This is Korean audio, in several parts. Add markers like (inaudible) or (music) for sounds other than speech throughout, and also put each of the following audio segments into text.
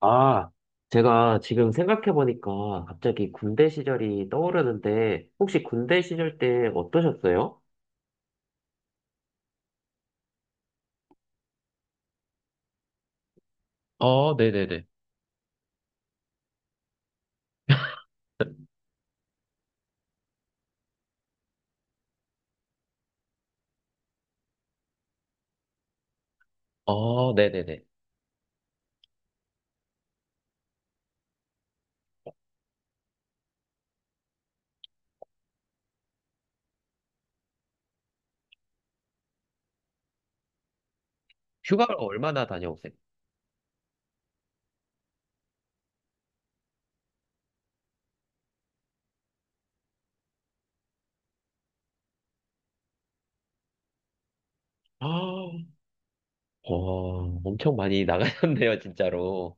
아, 제가 지금 생각해보니까 갑자기 군대 시절이 떠오르는데, 혹시 군대 시절 때 어떠셨어요? 어, 네네네. 어, 네네네. 휴가를 얼마나 다녀오세요? 아, 어, 엄청 많이 나가셨네요, 진짜로.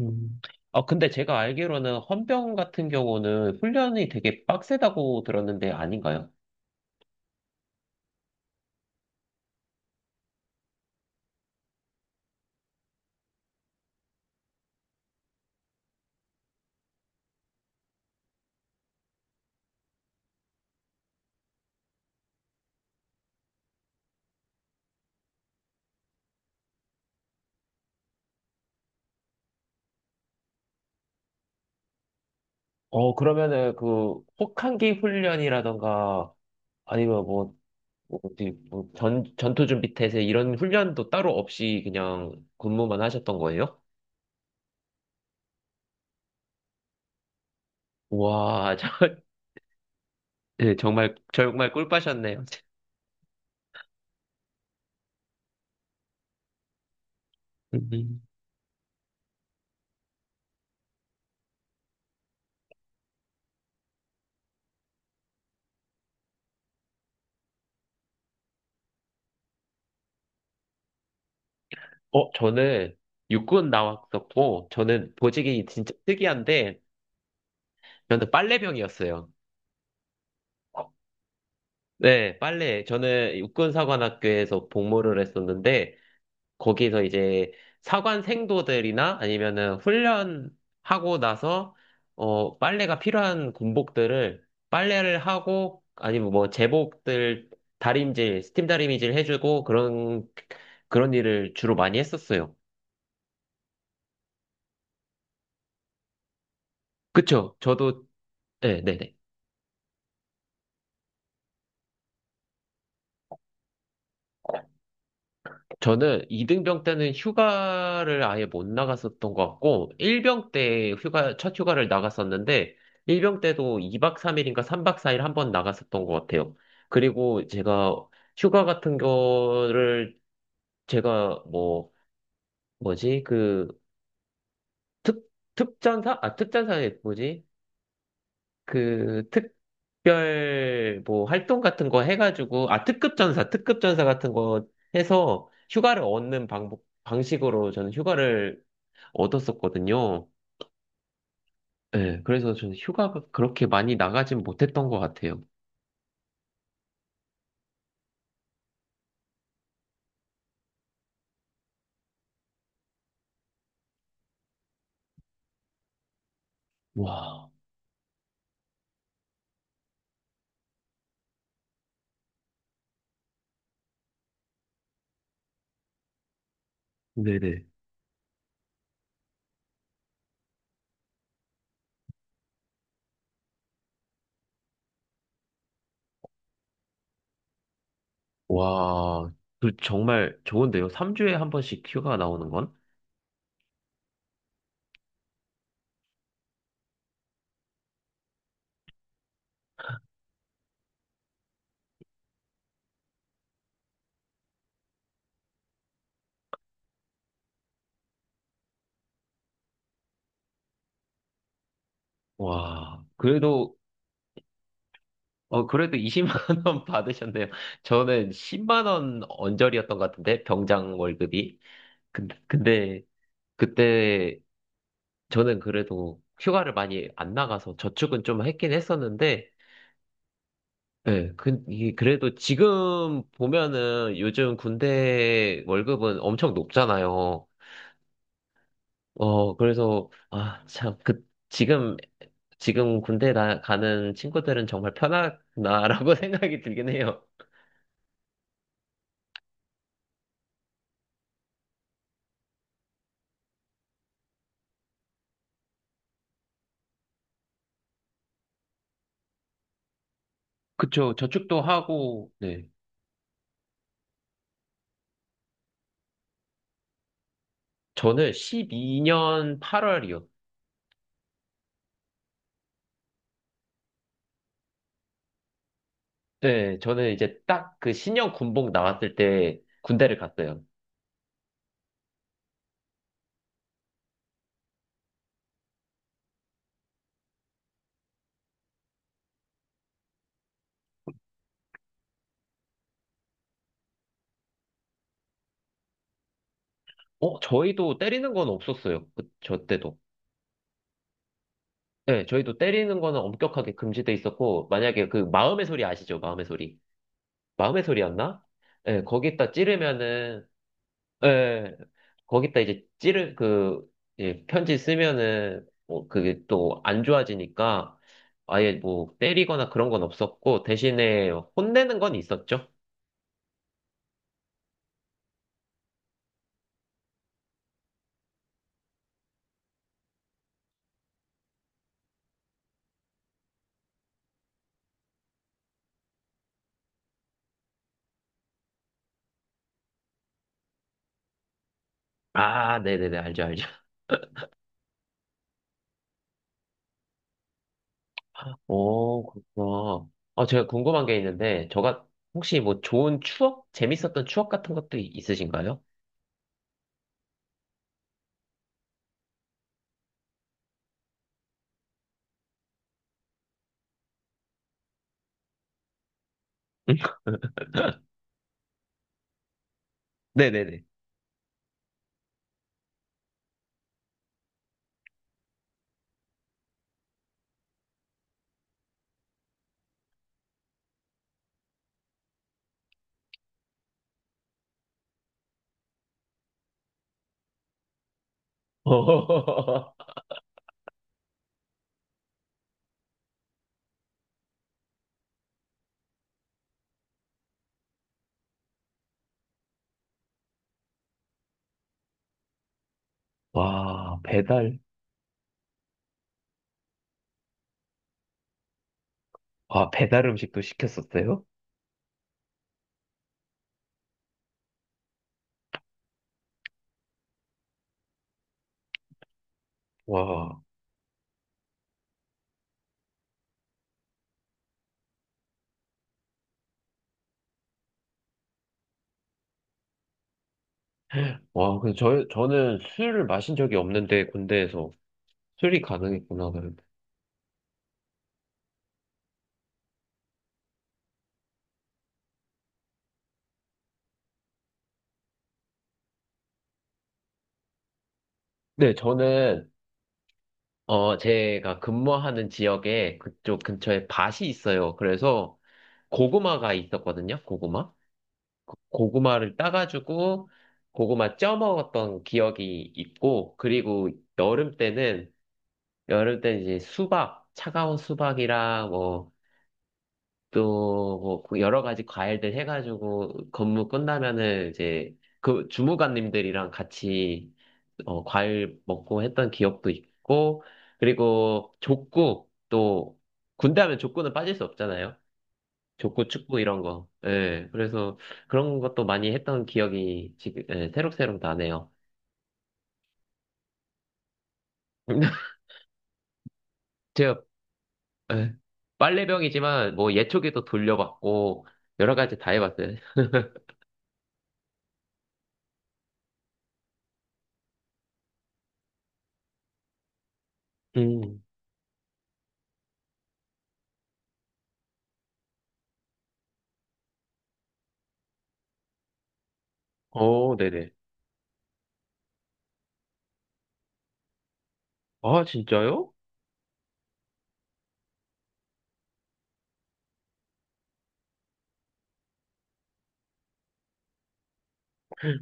음. 아, 근데 제가 알기로는 헌병 같은 경우는 훈련이 되게 빡세다고 들었는데 아닌가요? 어, 그러면은 그 혹한기 훈련이라던가 아니면 뭐 뭐 어디 뭐 전투 준비 태세 이런 훈련도 따로 없이 그냥 근무만 하셨던 거예요? 와, 저, (laughs) 예, 정말 정말 꿀빠셨네요. 음. 어, 저는 육군 나왔었고 저는 보직이 진짜 특이한데 저는 빨래병이었어요. 네, 빨래. 저는 육군사관학교에서 복무를 했었는데 거기서 이제 사관 생도들이나 아니면은 훈련하고 나서 어 빨래가 필요한 군복들을 빨래를 하고 아니면 뭐 제복들 다림질 스팀 다림질 해주고 그런 일을 주로 많이 했었어요. 그쵸? 저도 네, 네네. 저는 2등병 때는 휴가를 아예 못 나갔었던 것 같고, 1병 때 휴가, 첫 휴가를 나갔었는데, 1병 때도 2박 3일인가 3박 4일 한 번 나갔었던 것 같아요. 그리고 제가 휴가 같은 거를 제가 뭐, 뭐지, 그, 특, 특전사? 아, 특전사에 뭐지? 그, 특별 뭐 활동 같은 거 해가지고, 아, 특급전사, 특급전사 같은 거 해서 휴가를 얻는 방법, 방식으로 저는 휴가를 얻었었거든요. 네, 그래서 저는 휴가가 그렇게 많이 나가진 못했던 것 같아요. 와, 네네. 와, 그 정말 좋은데요. 3주에 한 번씩 휴가 나오는 건? 와, 그래도, 어, 그래도 20만 (laughs) 원 받으셨네요. 저는 10만 원 언저리였던 것 같은데, 병장 월급이. 근데 그때 저는 그래도 휴가를 많이 안 나가서 저축은 좀 했긴 했었는데, 네, 그, 이 그래도 지금 보면은 요즘 군대 월급은 엄청 높잖아요. 어, 그래서, 아, 참, 그, 지금, 지금 군대 나, 가는 친구들은 정말 편하구나라고 (laughs) 생각이 들긴 해요. 그쵸. 저축도 하고, 네. 저는 12년 8월이요. 네, 저는 이제 딱 그 신형 군복 나왔을 때 군대를 갔어요. 어, 저희도 때리는 건 없었어요. 그, 저 때도. 네, 저희도 때리는 거는 엄격하게 금지돼 있었고, 만약에 그 마음의 소리 아시죠? 마음의 소리. 마음의 소리였나? 네, 거기다 찌르면은, 네, 거기다 이제 찌르, 그, 예, 편지 쓰면은, 뭐, 그게 또 안 좋아지니까, 아예 뭐, 때리거나 그런 건 없었고, 대신에 혼내는 건 있었죠? 아, 네네네, 알죠, 알죠. 오, 그렇구나. 아, 제가 궁금한 게 있는데, 저가, 혹시 뭐 좋은 추억? 재밌었던 추억 같은 것도 있으신가요? (laughs) 네네네. (laughs) 와, 배달. 아, 배달 음식도 시켰었어요? 와, 와, 근데 저는 술을 마신 적이 없는데, 군대에서. 술이 가능했구나. 그래도. 네, 저는, 어, 제가 근무하는 지역에 그쪽 근처에 밭이 있어요. 그래서 고구마가 있었거든요, 고구마. 고구마를 따가지고, 고구마 쪄 먹었던 기억이 있고, 그리고 여름 때는, 여름 때는 이제 수박, 차가운 수박이랑 뭐, 또뭐 여러 가지 과일들 해가지고 근무 끝나면은 이제 그 주무관님들이랑 같이 어, 과일 먹고 했던 기억도 있고 그리고 족구 또 군대 하면 족구는 빠질 수 없잖아요. 족구, 축구 이런 거. 예. 그래서 그런 것도 많이 했던 기억이 지금 예, 새록새록 나네요. (laughs) 제가 예, 빨래병이지만 뭐 예초기도 돌려봤고 여러 가지 다 해봤어요. 음. 어, 네네. 아, 진짜요?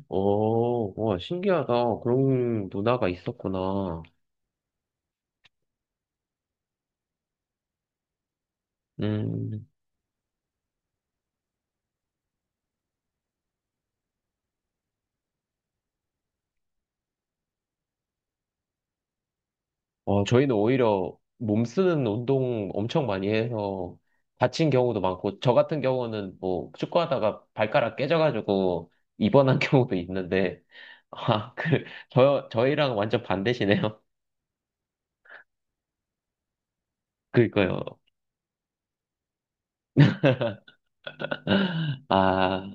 오, 와, 신기하다. 그런 문화가 있었구나. 음, 와, 저희는 오히려 몸 쓰는 운동 엄청 많이 해서 다친 경우도 많고, 저 같은 경우는 뭐 축구하다가 발가락 깨져가지고 입원한 (laughs) 경우도 있는데, 아, 그, 저희랑 완전 반대시네요. 그니까요. (laughs) 아,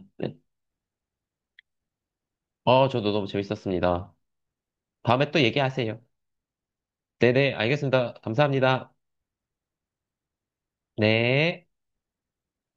어, 저도 너무 재밌었습니다. 다음에 또 얘기하세요. 네네, 알겠습니다. 감사합니다. 네.